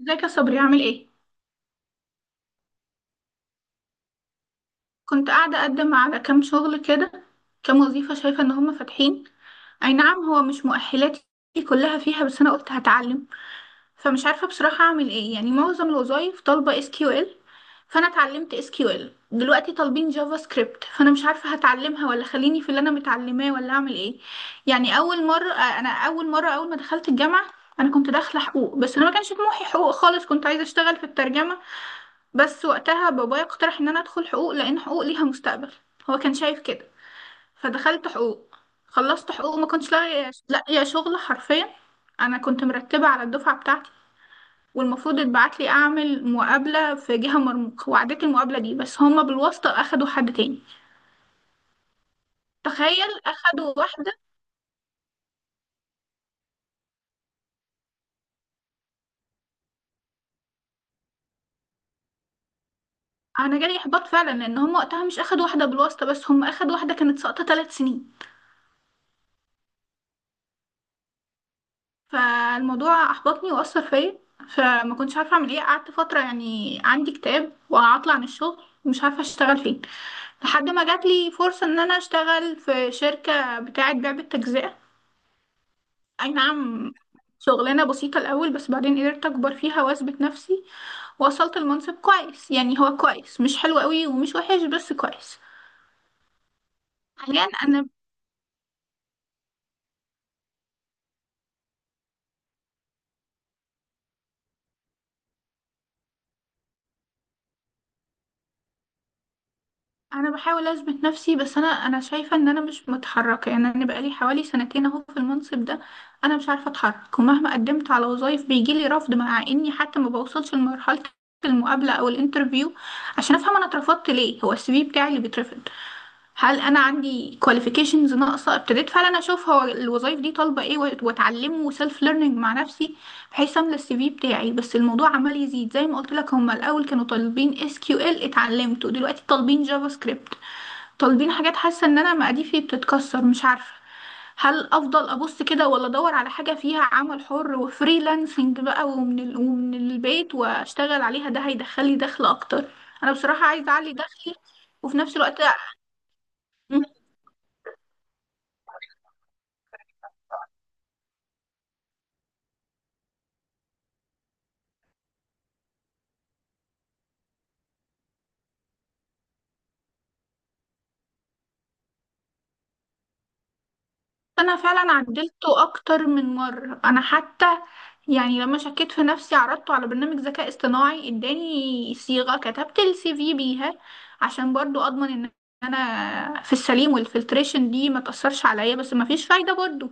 ازيك يا صبري، عامل ايه؟ كنت قاعده اقدم على كام شغل كده، كام وظيفه شايفه ان هم فاتحين. اي نعم، هو مش مؤهلاتي كلها فيها، بس انا قلت هتعلم. فمش عارفه بصراحه اعمل ايه، يعني معظم الوظايف طالبه اس كيو ال. فانا اتعلمت اس كيو ال، دلوقتي طالبين جافا سكريبت، فانا مش عارفه هتعلمها ولا خليني في اللي انا متعلماه ولا اعمل ايه. يعني اول مره اول ما دخلت الجامعه انا كنت داخله حقوق، بس انا ما كانش طموحي حقوق خالص، كنت عايزه اشتغل في الترجمه. بس وقتها بابايا اقترح ان انا ادخل حقوق لان حقوق ليها مستقبل، هو كان شايف كده. فدخلت حقوق، خلصت حقوق، ما كنتش لاقيه شغل حرفيا. انا كنت مرتبه على الدفعه بتاعتي، والمفروض اتبعت لي اعمل مقابله في جهه مرموق، وعديت المقابله دي، بس هما بالواسطه اخدوا حد تاني. تخيل اخدوا واحده! انا جالي احباط فعلا، لان هما وقتها مش اخدوا واحده بالواسطه بس، هما اخدوا واحده كانت ساقطه 3 سنين. فالموضوع احبطني واثر فيا، فما كنتش عارفه اعمل ايه. قعدت فتره يعني عندي اكتئاب وعطلة عن الشغل، مش عارفه اشتغل فين، لحد ما جات لي فرصه ان انا اشتغل في شركه بتاعه بيع بالتجزئه. اي نعم، شغلانه بسيطه الاول، بس بعدين قدرت اكبر فيها واثبت نفسي ووصلت المنصب كويس. يعني هو كويس، مش حلو قوي ومش وحش، بس كويس. حاليا انا بحاول اثبت نفسي، بس انا شايفه ان انا مش متحركه، يعني انا بقالي حوالي سنتين اهو في المنصب ده. انا مش عارفه اتحرك، ومهما قدمت على وظايف بيجيلي رفض، مع اني حتى ما بوصلش لمرحله المقابله او الانترفيو عشان افهم انا اترفضت ليه. هو السي في بتاعي اللي بيترفض؟ هل انا عندي كواليفيكيشنز ناقصه؟ ابتديت فعلا اشوف هو الوظايف دي طالبه ايه واتعلمه وسيلف ليرنينج مع نفسي بحيث املى السي في بتاعي، بس الموضوع عمال يزيد. زي ما قلت لك، هما الاول كانوا طالبين اس كيو ال اتعلمته، دلوقتي طالبين جافا سكريبت، طالبين حاجات، حاسه ان انا مقاديفي بتتكسر. مش عارفه هل افضل ابص كده، ولا ادور على حاجه فيها عمل حر وفريلانسنج بقى، ومن البيت واشتغل عليها، ده هيدخلي دخل اكتر. انا بصراحه عايزه اعلي دخلي. وفي نفس الوقت، انا فعلا عدلته اكتر من مره. انا حتى يعني لما شكيت في نفسي عرضته على برنامج ذكاء اصطناعي، اداني صيغه كتبت السي في بيها عشان برضو اضمن ان انا في السليم والفلتريشن دي ما تاثرش عليا، بس ما فيش فايده برضو.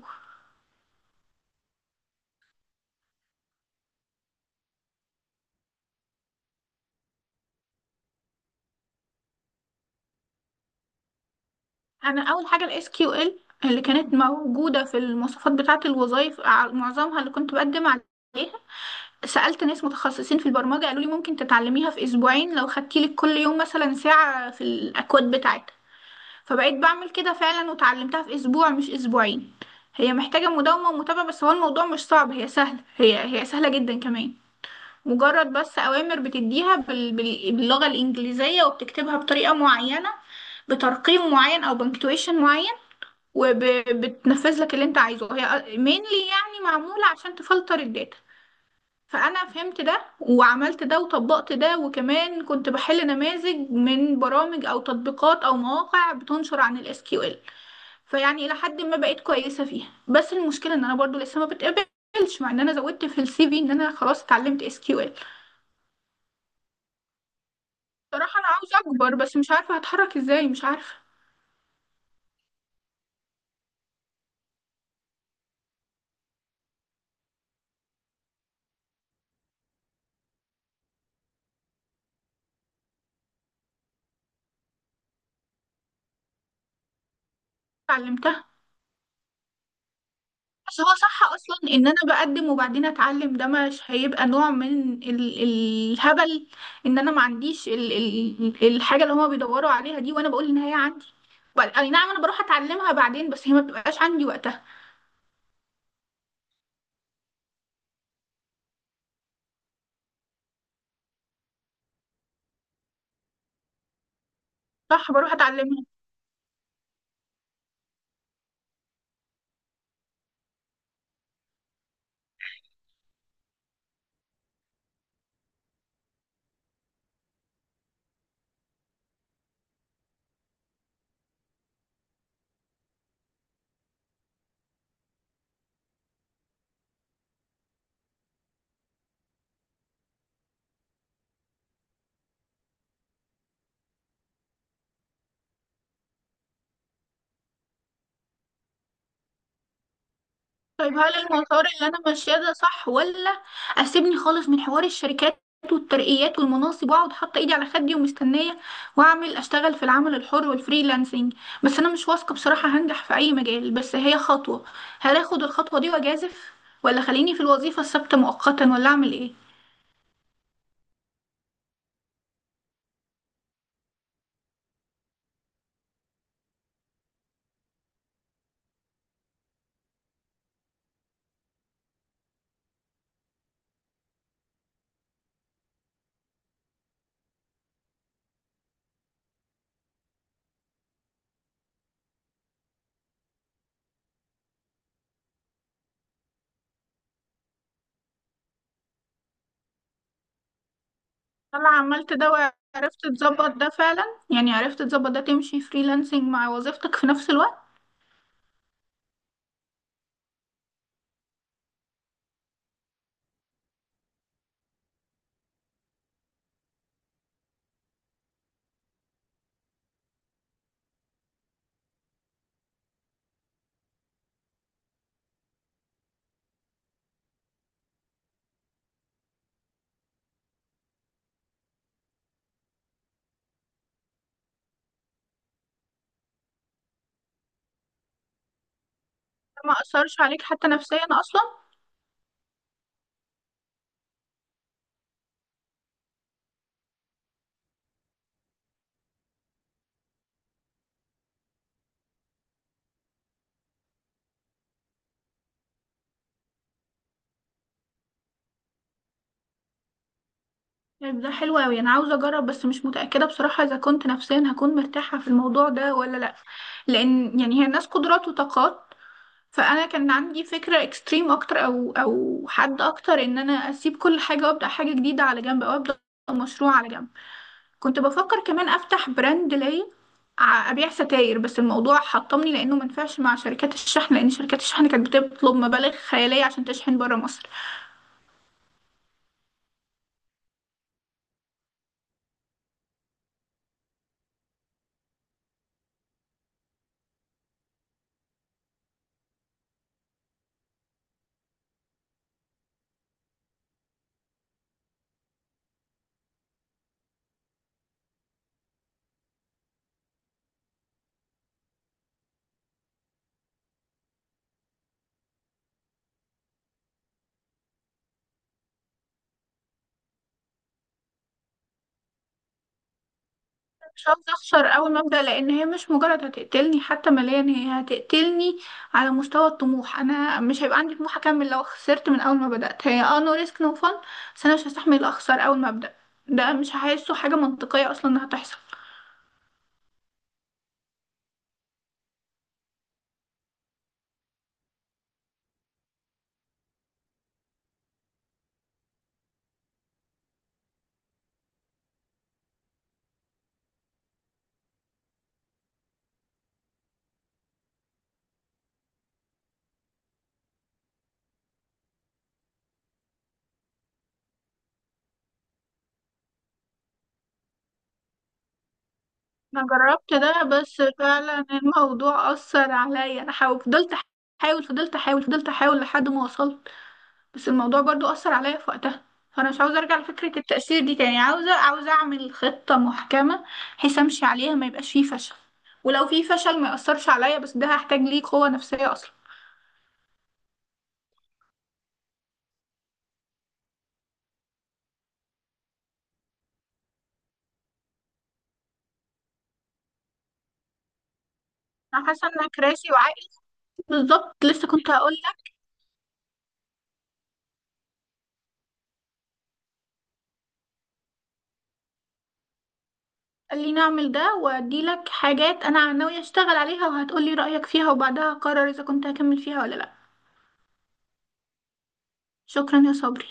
انا اول حاجه الاس كيو ال اللي كانت موجوده في المواصفات بتاعه الوظائف معظمها اللي كنت بقدم عليها. سألت ناس متخصصين في البرمجة قالوا لي ممكن تتعلميها في أسبوعين لو خدتي لك كل يوم مثلا ساعة في الأكواد بتاعتها. فبقيت بعمل كده فعلا وتعلمتها في اسبوع مش اسبوعين. هي محتاجة مداومة ومتابعة، بس هو الموضوع مش صعب، هي سهلة، هي سهلة جدا كمان. مجرد بس اوامر بتديها باللغة الانجليزية وبتكتبها بطريقة معينة، بترقيم معين او بنكتويشن معين، وبتنفذ لك اللي انت عايزه. هي مينلي يعني معمولة عشان تفلتر الداتا. فانا فهمت ده وعملت ده وطبقت ده، وكمان كنت بحل نماذج من برامج او تطبيقات او مواقع بتنشر عن الاس كيو ال. فيعني إلى حد ما بقيت كويسة فيها، بس المشكلة إن أنا برضو لسه ما بتقبلش مع إن أنا زودت في السي في إن أنا خلاص اتعلمت اس كيو ال. بصراحة أنا عاوزة أكبر، بس مش عارفة هتحرك إزاي، مش عارفة. اتعلمتها. بس هو صح أصلا إن أنا بقدم وبعدين أتعلم؟ ده مش هيبقى نوع من الهبل إن أنا ما عنديش ال ال الحاجة اللي هما بيدوروا عليها دي، وأنا بقول إن هي عندي؟ أي نعم، أنا بروح أتعلمها بعدين، بس هي ما بتبقاش عندي وقتها. صح، بروح أتعلمها. طيب هل المسار اللي انا ماشياه ده صح، ولا اسيبني خالص من حوار الشركات والترقيات والمناصب واقعد حاطه ايدي على خدي ومستنيه، واعمل اشتغل في العمل الحر والفريلانسنج؟ بس انا مش واثقه بصراحه هنجح في اي مجال، بس هي خطوه. هل اخد الخطوه دي واجازف، ولا خليني في الوظيفه الثابته مؤقتا، ولا اعمل ايه؟ انا عملت ده وعرفت تظبط ده فعلا؟ يعني عرفت تظبط ده، تمشي فريلانسنج مع وظيفتك في نفس الوقت؟ ما اثرش عليك حتى نفسيا اصلا؟ طيب ده حلو أوي، أنا عاوزة أجرب، بس مش متأكدة بصراحة إذا كنت نفسيا هكون مرتاحة في الموضوع ده ولا لأ. لأن يعني هي الناس قدرات وطاقات. فأنا كان عندي فكرة إكستريم أكتر، أو حد أكتر إن أنا أسيب كل حاجة وأبدأ حاجة جديدة على جنب، أو أبدأ مشروع على جنب. كنت بفكر كمان أفتح براند ليا، أبيع ستاير، بس الموضوع حطمني لأنه منفعش مع شركات الشحن، لأن شركات الشحن كانت بتطلب مبالغ خيالية عشان تشحن برا مصر. مش عاوزة أخسر أول ما أبدأ، لأن هي مش مجرد هتقتلني، حتى ماليا هي هتقتلني على مستوى الطموح. أنا مش هيبقى عندي طموح أكمل لو خسرت من أول ما بدأت. هي اه، نو ريسك نو فن، بس أنا مش هستحمل أخسر أول ما أبدأ. ده مش هحسه حاجة منطقية أصلا إنها تحصل. أنا جربت ده، بس فعلا الموضوع أثر عليا. أنا فضلت أحاول، فضلت أحاول، فضلت أحاول لحد ما وصلت، بس الموضوع برضو أثر عليا في وقتها. فأنا مش عاوزة أرجع لفكرة التأثير دي تاني، عاوزة أعمل خطة محكمة بحيث أمشي عليها ما يبقاش فيه فشل، ولو فيه فشل ما يأثرش عليا، بس ده هحتاج ليه قوة نفسية أصلا. أنا حاسة إنك راسي وعقلي بالظبط، لسه كنت هقول لك. قال لي نعمل ده، وأدي لك حاجات أنا ناوية أشتغل عليها وهتقولي رأيك فيها، وبعدها أقرر إذا كنت هكمل فيها ولا لأ. شكرا يا صبري.